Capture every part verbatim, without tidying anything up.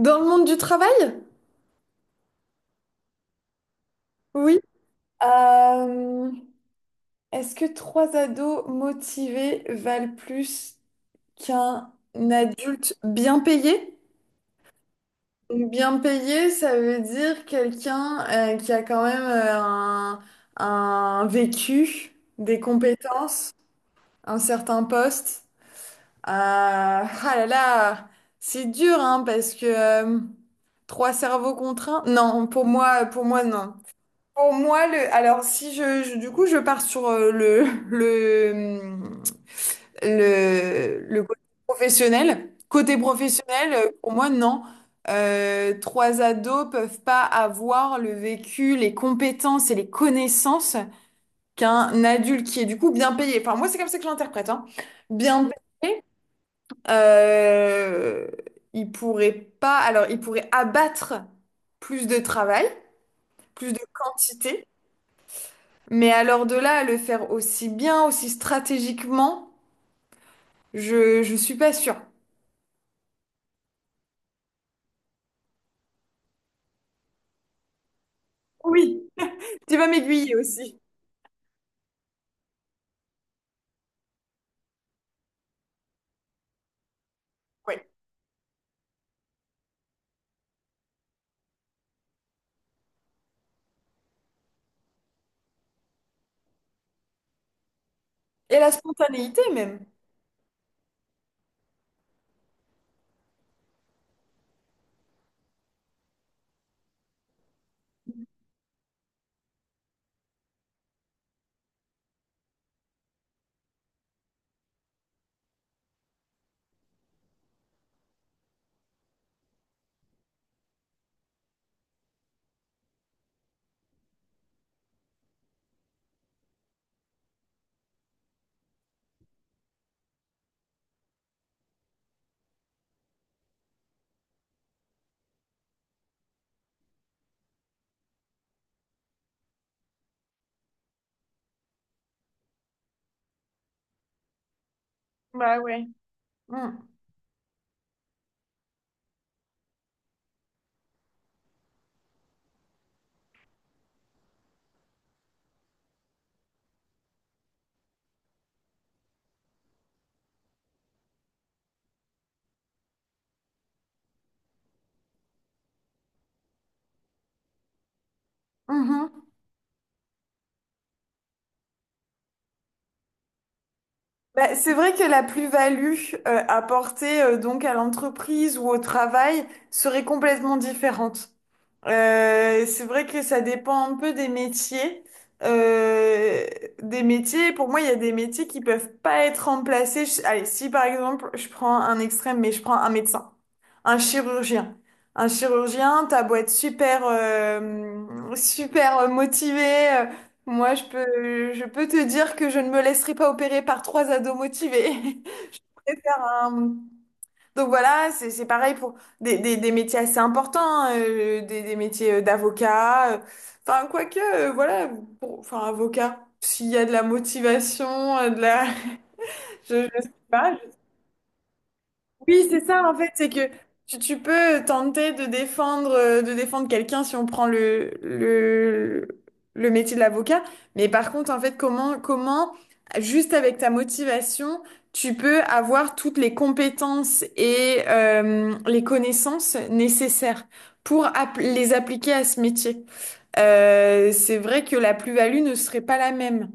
Dans le monde du travail? Oui. Euh, Est-ce que trois ados motivés valent plus qu'un adulte bien payé? Bien payé, ça veut dire quelqu'un euh, qui a quand même euh, un, un vécu, des compétences, un certain poste. Euh, ah là là, c'est dur hein, parce que euh, trois cerveaux contraints. Non, pour moi, pour moi non. Pour moi, le, alors si je, je- du coup je pars sur euh, le, le, le, le côté professionnel, côté professionnel, euh, pour moi non. Euh, trois ados peuvent pas avoir le vécu, les compétences et les connaissances qu'un adulte qui est du coup bien payé. Enfin moi c'est comme ça que je l'interprète, hein. Bien payé, euh, il pourrait pas, alors il pourrait abattre plus de travail, plus de quantité. Mais alors de là à le faire aussi bien, aussi stratégiquement, je, je suis pas sûre. Oui, tu vas m'aiguiller aussi. Oui. Et la spontanéité même. Bah ouais. Mm. Mhm. Bah, c'est vrai que la plus-value euh, apportée euh, donc à l'entreprise ou au travail serait complètement différente. Euh, c'est vrai que ça dépend un peu des métiers. Euh, des métiers, pour moi, il y a des métiers qui peuvent pas être remplacés. Je- allez, si par exemple, je prends un extrême, mais je prends un médecin, un chirurgien. Un chirurgien, t'as beau être super, euh, super motivé. Euh, moi, je peux, je peux te dire que je ne me laisserai pas opérer par trois ados motivés. Je préfère un, donc voilà, c'est c'est pareil pour des, des, des métiers assez importants, hein, euh, des, des métiers euh, d'avocat. euh, Enfin, quoique, euh, voilà, pour- enfin, avocat, s'il y a de la motivation, euh, de la... Je, je sais pas, oui, c'est ça en fait, c'est que tu, tu peux tenter de défendre, euh, de défendre quelqu'un si on prend le, le, le métier de l'avocat, mais par contre, en fait, comment, comment, juste avec ta motivation, tu peux avoir toutes les compétences et euh, les connaissances nécessaires pour app- les appliquer à ce métier. Euh, c'est vrai que la plus-value ne serait pas la même.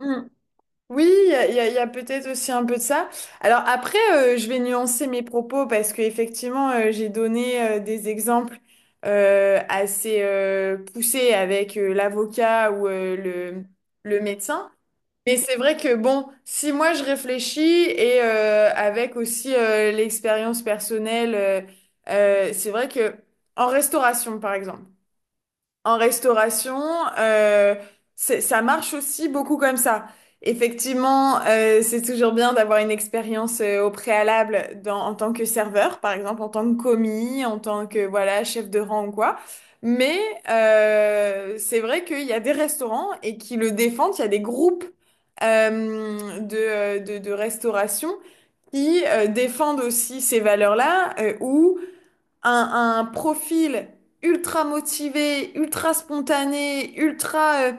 Mm. Oui, il y a, il y a- il y a peut-être aussi un peu de ça. Alors après, euh, je vais nuancer mes propos parce que effectivement, euh, j'ai donné euh, des exemples euh, assez euh, poussés avec euh, l'avocat ou euh, le, le médecin. Mais c'est vrai que bon, si moi je réfléchis et euh, avec aussi euh, l'expérience personnelle, euh, euh, c'est vrai que en restauration, par exemple en restauration, euh, c'est- ça marche aussi beaucoup comme ça. Effectivement, euh, c'est toujours bien d'avoir une expérience euh, au préalable dans, en tant que serveur, par exemple en tant que commis, en tant que voilà chef de rang ou quoi. Mais euh, c'est vrai qu'il y a des restaurants et qui le défendent. Il y a des groupes euh, de, euh, de, de restauration qui euh, défendent aussi ces valeurs-là, euh, où un, un profil ultra motivé, ultra spontané, ultra euh,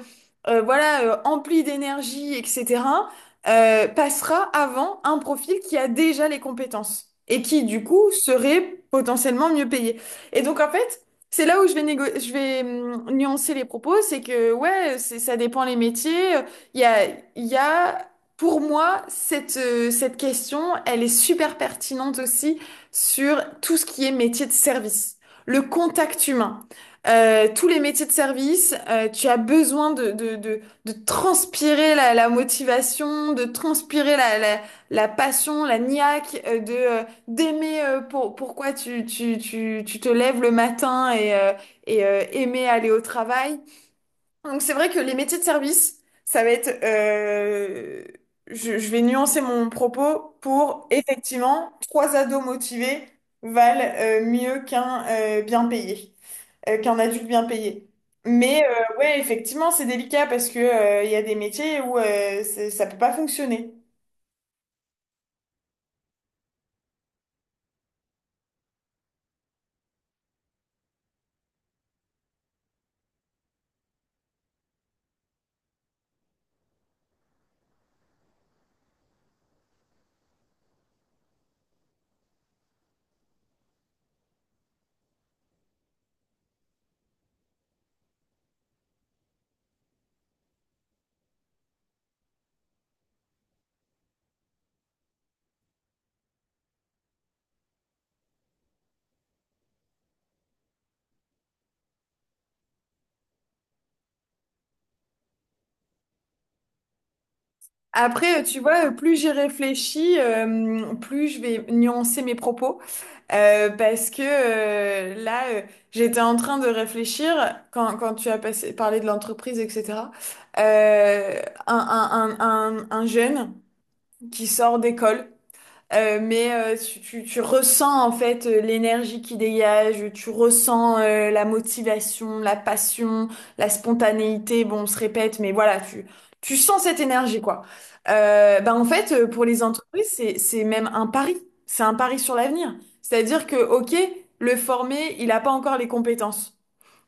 euh, voilà euh, empli d'énergie, et cetera euh, passera avant un profil qui a déjà les compétences et qui du coup serait potentiellement mieux payé. Et donc en fait C'est là où je vais négo- je vais hum, nuancer les propos, c'est que ouais, c'est, ça dépend les métiers. Il y a, il y a, pour moi, cette, euh, cette question, elle est super pertinente aussi sur tout ce qui est métier de service, le contact humain. Euh, tous les métiers de service, euh, tu as besoin de, de, de, de transpirer la, la motivation, de transpirer la, la, la passion, la niaque, euh, de, euh, d'aimer euh, pour, pourquoi tu, tu, tu, tu te lèves le matin et, euh, et euh, aimer aller au travail. Donc c'est vrai que les métiers de service, ça va être, euh, je, je vais nuancer mon propos pour effectivement, trois ados motivés valent euh, mieux qu'un euh, bien payé, euh, qu'un adulte bien payé. Mais euh, ouais, effectivement, c'est délicat parce que euh, il y a des métiers où euh, c'est- ça peut pas fonctionner. Après, euh, tu vois, euh, plus j'y réfléchis, euh, plus je vais nuancer mes propos. Euh, parce que euh, là, euh, j'étais en train de réfléchir quand, quand tu as passé, parlé de l'entreprise, et cetera. Euh, un, un, un, un, un jeune qui sort d'école. Euh, mais euh, tu, tu, tu ressens en fait euh, l'énergie qui dégage, tu ressens euh, la motivation, la passion, la spontanéité. Bon, on se répète, mais voilà, tu, tu sens cette énergie quoi. Euh, bah, en fait, euh, pour les entreprises, c'est, c'est même un pari. C'est un pari sur l'avenir. C'est-à-dire que, ok, le formé, il n'a pas encore les compétences.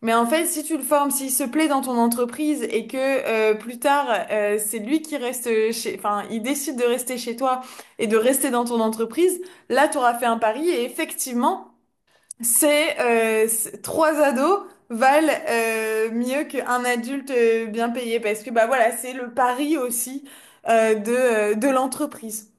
Mais en fait, si tu le formes, s'il se plaît dans ton entreprise et que euh, plus tard, euh, c'est lui qui reste chez, enfin, il décide de rester chez toi et de rester dans ton entreprise, là, tu auras fait un pari et effectivement, c'est euh, c'est- trois ados valent euh, mieux qu'un adulte euh, bien payé parce que bah voilà, c'est le pari aussi euh, de, euh, de l'entreprise.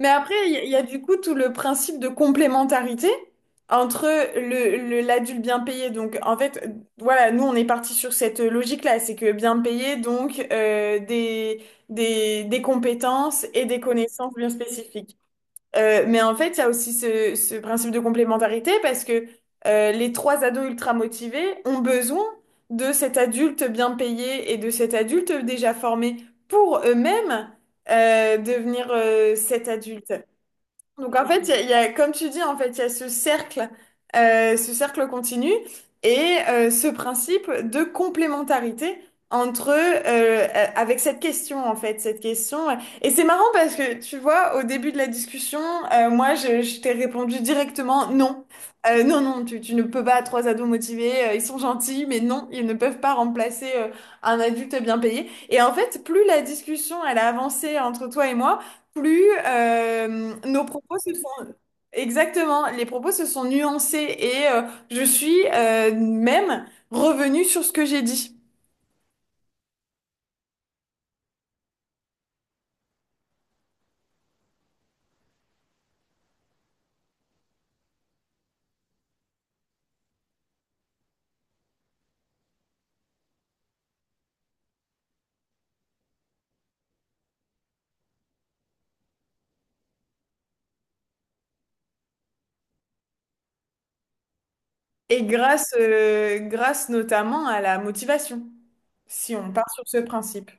Mais après, il y, a il y a du coup tout le principe de complémentarité entre le, le- l'adulte bien payé. Donc, en fait, euh, voilà, nous, on est parti sur cette euh, logique-là. C'est que bien payé, donc euh, des, des, des compétences et des connaissances bien spécifiques. Euh, mais en fait, il y a aussi ce, ce principe de complémentarité parce que euh, les trois ados ultra motivés ont besoin de cet adulte bien payé et de cet adulte déjà formé pour eux-mêmes euh, devenir euh, cet adulte. Donc en fait, il y a, il y a- comme tu dis, en fait, il y a ce cercle, euh, ce cercle continu et euh, ce principe de complémentarité entre euh, euh, avec cette question en fait, cette question. Et c'est marrant parce que tu vois, au début de la discussion, euh, moi, je, je t'ai répondu directement non. Euh, non, non, tu, tu ne peux pas. Trois ados motivés, euh, ils sont gentils, mais non, ils ne peuvent pas remplacer euh, un adulte bien payé. Et en fait, plus la discussion elle a avancé entre toi et moi plus euh, nos propos se sont exactement, les propos se sont nuancés et euh, je suis euh, même revenue sur ce que j'ai dit. Et grâce, euh, grâce notamment à la motivation, si on part sur ce principe.